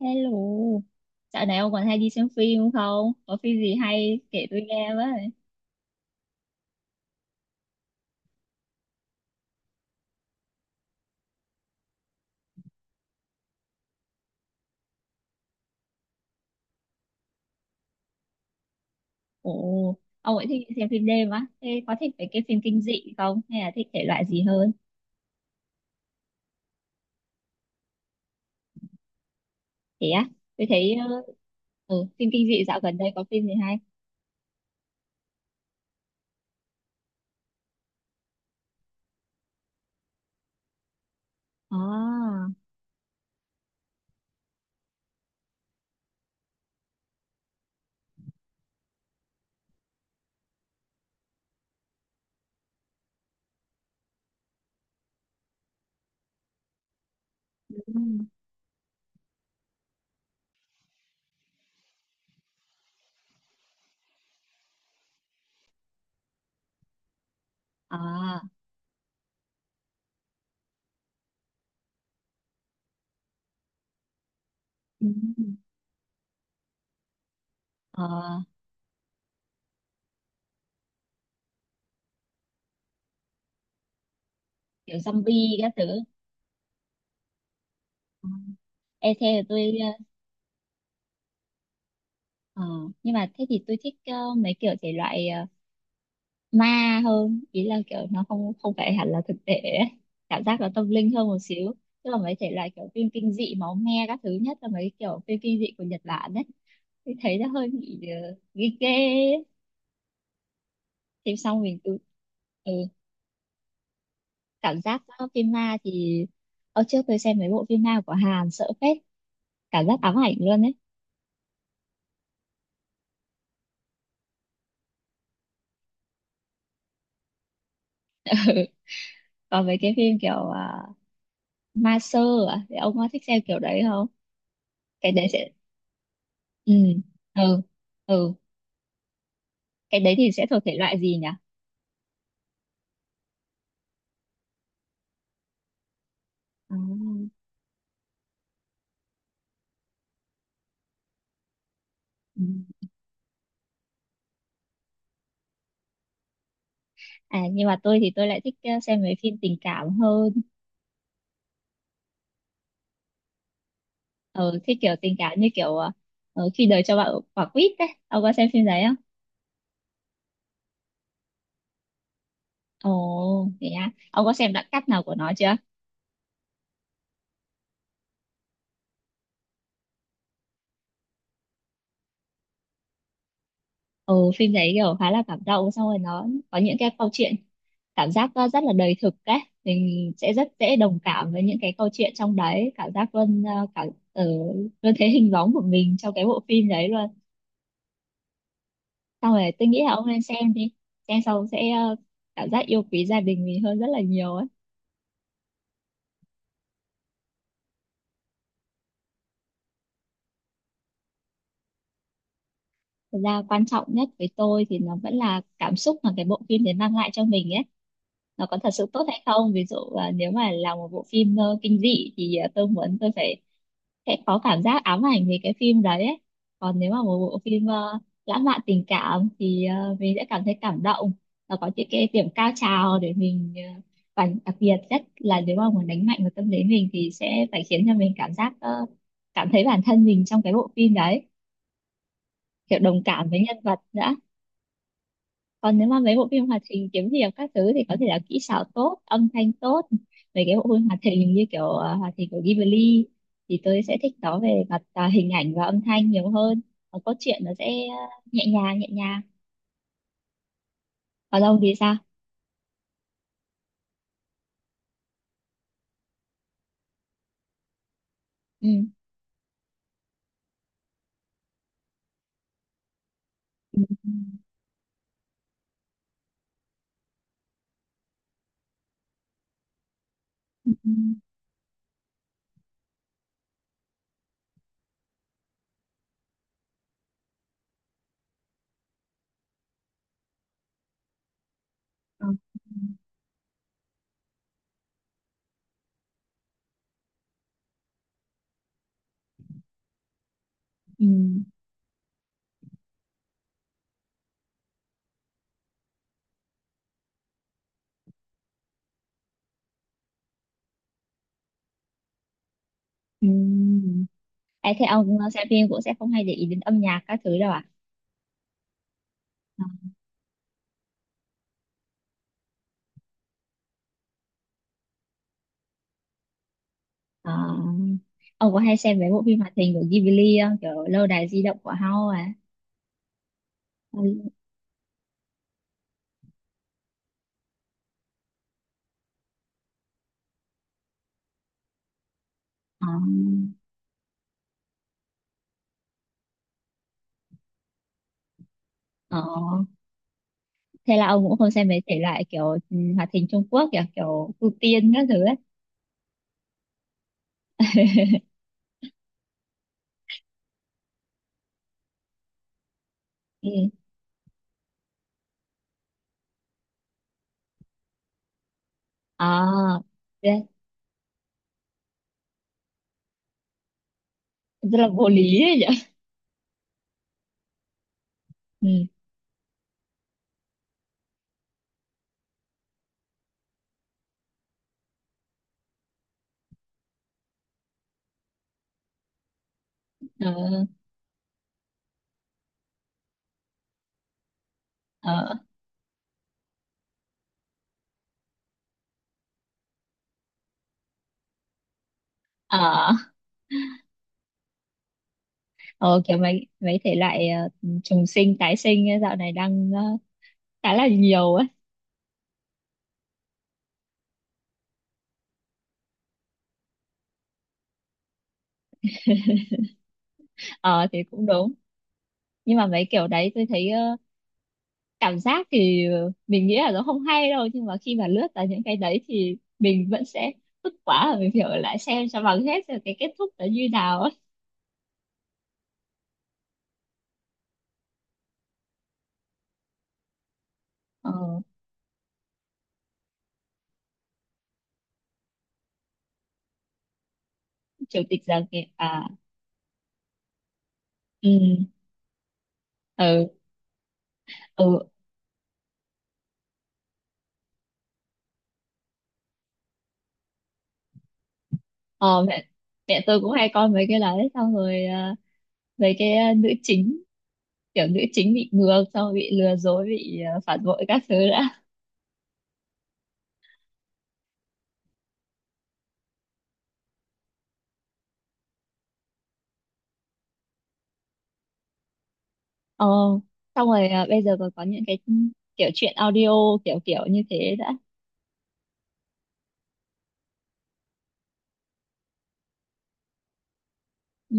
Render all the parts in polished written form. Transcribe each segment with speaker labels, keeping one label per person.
Speaker 1: Hello, dạo này ông còn hay đi xem phim không? Không? Có phim gì hay kể tôi nghe với. Ồ, ông ấy thích xem phim đêm á. Thế có thích về cái phim kinh dị không? Hay là thích thể loại gì hơn? Thế á, tôi thấy phim kinh dị dạo gần đây có phim gì hay? À, ừ. À, ừ. À, kiểu zombie các thứ. Ờ, thế là tôi, ờ, nhưng mà thế thì tôi thích mấy kiểu thể loại ma hơn, ý là kiểu nó không không phải hẳn là thực tế ấy. Cảm giác nó tâm linh hơn một xíu, tức là mấy thể loại kiểu phim kinh dị máu me các thứ, nhất là mấy kiểu phim kinh dị của Nhật Bản đấy thì thấy nó hơi bị ghê ghê ấy. Thì xong mình cứ ừ, cảm giác phim ma thì ở trước tôi xem mấy bộ phim ma của Hàn sợ phết, cảm giác ám ảnh luôn đấy. Còn mấy cái phim kiểu ma sơ à? Thì ông có thích xem kiểu đấy không? Cái đấy sẽ ừ, ừ, ừ, cái đấy thì sẽ thuộc thể loại gì nhỉ? À, ừ. À, nhưng mà tôi thì tôi lại thích xem mấy phim tình cảm hơn. Ờ, thích kiểu tình cảm như kiểu khi đời cho bạn quả quýt đấy, ông có xem phim đấy không? Ồ thế á, ông có xem đoạn cắt nào của nó chưa? Ồ, phim đấy kiểu khá là cảm động, xong rồi nó có những cái câu chuyện cảm giác rất là đời thực đấy. Mình sẽ rất dễ đồng cảm với những cái câu chuyện trong đấy, cảm giác luôn ờ, luôn thấy hình bóng của mình trong cái bộ phim đấy luôn. Xong rồi tôi nghĩ là ông nên xem đi, xem xong sẽ cảm giác yêu quý gia đình mình hơn rất là nhiều ấy. Thật ra quan trọng nhất với tôi thì nó vẫn là cảm xúc mà cái bộ phim đấy mang lại cho mình ấy, nó có thật sự tốt hay không. Ví dụ nếu mà là một bộ phim kinh dị thì tôi muốn tôi phải sẽ có cảm giác ám ảnh về cái phim đấy ấy. Còn nếu mà một bộ phim lãng mạn tình cảm thì mình sẽ cảm thấy cảm động và có những cái điểm cao trào để mình, và đặc biệt nhất là nếu mà muốn đánh mạnh vào tâm lý mình thì sẽ phải khiến cho mình cảm giác cảm thấy bản thân mình trong cái bộ phim đấy, kiểu đồng cảm với nhân vật nữa. Còn nếu mà mấy bộ phim hoạt hình kiếm hiệp các thứ thì có thể là kỹ xảo tốt, âm thanh tốt. Mấy cái bộ phim hoạt hình như kiểu hoạt hình của Ghibli thì tôi sẽ thích nó về mặt à, hình ảnh và âm thanh nhiều hơn. Còn cốt truyện nó sẽ nhẹ nhàng nhẹ nhàng. Còn ông thì sao? Ừ Ừ. Ừ. Ừ, ừ, ừ, ừ. Ê, thế ông xem phim cũng sẽ không hay để ý đến âm nhạc các thứ đâu à? Ờ, ông có hay xem mấy bộ phim hoạt hình của Ghibli không, kiểu lâu đài di động của Hao à? Ừ. Ờ, ờ, thế là ông cũng không xem mấy thể loại kiểu ừ, hoạt hình Trung Quốc kiểu kiểu ưu tiên các thứ ấy. Ừ. À, thế- rất là vô lý ấy nhỉ. Ừ. Ờ, ờ, ờ. Ờ, kiểu mấy mấy thể loại trùng sinh tái sinh ấy, dạo này đang khá là nhiều ấy. Ờ thì cũng đúng. Nhưng mà mấy kiểu đấy tôi thấy cảm giác thì mình nghĩ là nó không hay đâu, nhưng mà khi mà lướt vào những cái đấy thì mình vẫn sẽ tức quá, rồi mình phải ở lại xem cho bằng hết rồi cái kết thúc nó như nào ấy. Ờ. Chủ tịch Gia Kiệt à? Ừ, ừ, ừ, ờ, mẹ mẹ tôi cũng hay coi mấy cái đấy, xong rồi à, mấy cái à, nữ chính, kiểu nữ chính bị ngược xong rồi bị lừa dối, bị à, phản bội các thứ đã. Ờ, xong rồi à, bây giờ còn có những cái kiểu chuyện audio kiểu kiểu như thế đã. Ừ,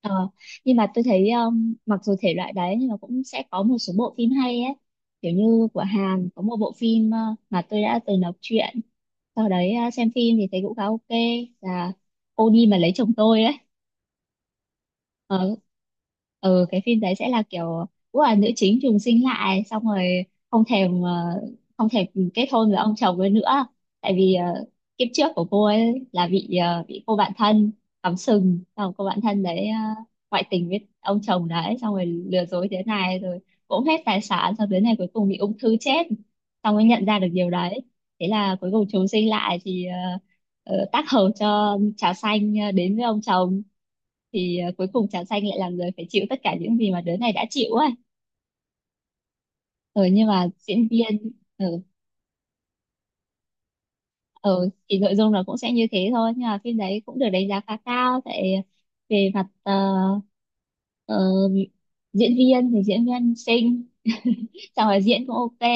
Speaker 1: ờ, nhưng mà tôi thấy mặc dù thể loại đấy nhưng mà cũng sẽ có một số bộ phim hay ấy, kiểu như của Hàn có một bộ phim mà tôi đã từng đọc truyện, sau đấy à, xem phim thì thấy cũng khá ok, là cô đi mà lấy chồng tôi. Ờ. Ừ, cái phim đấy sẽ là kiểu cũng là nữ chính trùng sinh lại, xong rồi không thèm ờ, không thèm kết hôn với ông chồng ấy nữa, tại vì kiếp trước của cô ấy là bị bị cô bạn thân cắm sừng, xong rồi cô bạn thân đấy ngoại tình với ông chồng đấy xong rồi lừa dối thế này, rồi cũng hết tài sản, xong đến này cuối cùng bị ung thư chết, xong mới nhận ra được điều đấy. Thế là cuối cùng trùng sinh lại thì tác hợp cho trà xanh đến với ông chồng, thì cuối cùng trà xanh lại là người phải chịu tất cả những gì mà đứa này đã chịu ấy. Ừ, nhưng mà diễn viên ừ, ừ, thì nội dung nó cũng sẽ như thế thôi, nhưng mà phim đấy cũng được đánh giá khá cao tại về mặt ờ, diễn viên thì diễn viên xinh, xong rồi diễn cũng ok.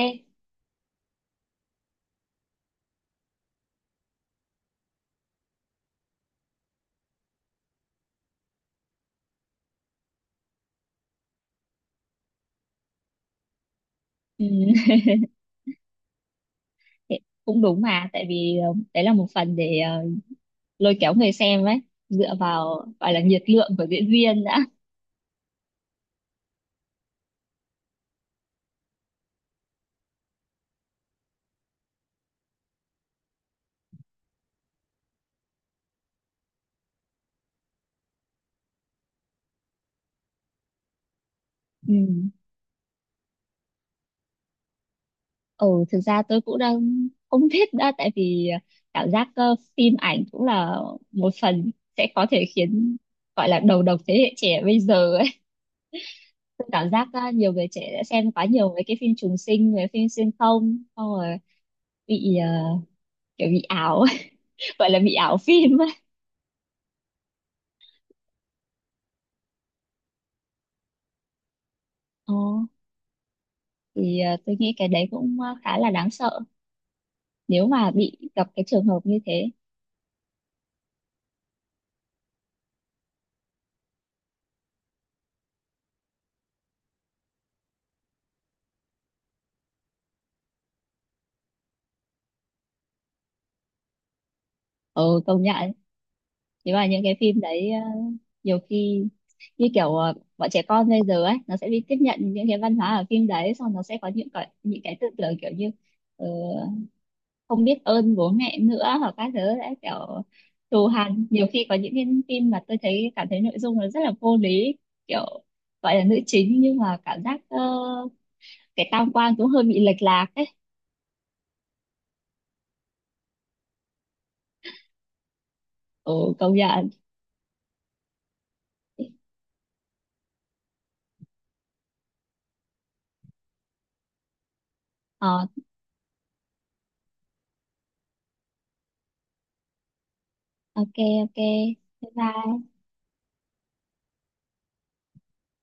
Speaker 1: Ừ, thế cũng đúng mà, tại vì đấy là một phần để lôi kéo người xem ấy, dựa vào gọi là nhiệt lượng của diễn viên đã. Ừ. Ừ, thực ra tôi cũng đang không biết đã, tại vì cảm giác phim ảnh cũng là một phần sẽ có thể khiến, gọi là đầu độc thế hệ trẻ bây giờ ấy. Tôi cảm giác nhiều người trẻ đã xem quá nhiều mấy cái phim trùng sinh, mấy phim xuyên không, xong rồi bị kiểu bị ảo, gọi là bị ảo phim ấy. Ờ, thì tôi nghĩ cái đấy cũng khá là đáng sợ nếu mà bị gặp cái trường hợp như thế. Ừ, công nhận. Nếu mà những cái phim đấy nhiều khi như kiểu bọn trẻ con bây giờ ấy, nó sẽ đi tiếp nhận những cái văn hóa ở phim đấy, xong nó sẽ có những cái tư tưởng kiểu như ờ, không biết ơn bố mẹ nữa hoặc các thứ đấy, kiểu thù hằn, nhiều khi có những cái phim mà tôi thấy cảm thấy nội dung nó rất là vô lý, kiểu gọi là nữ chính nhưng mà cảm giác cái tam quan cũng hơi bị lệch lạc ấy. Ừ, công nhận. Ờ, ok, ok, bye bye.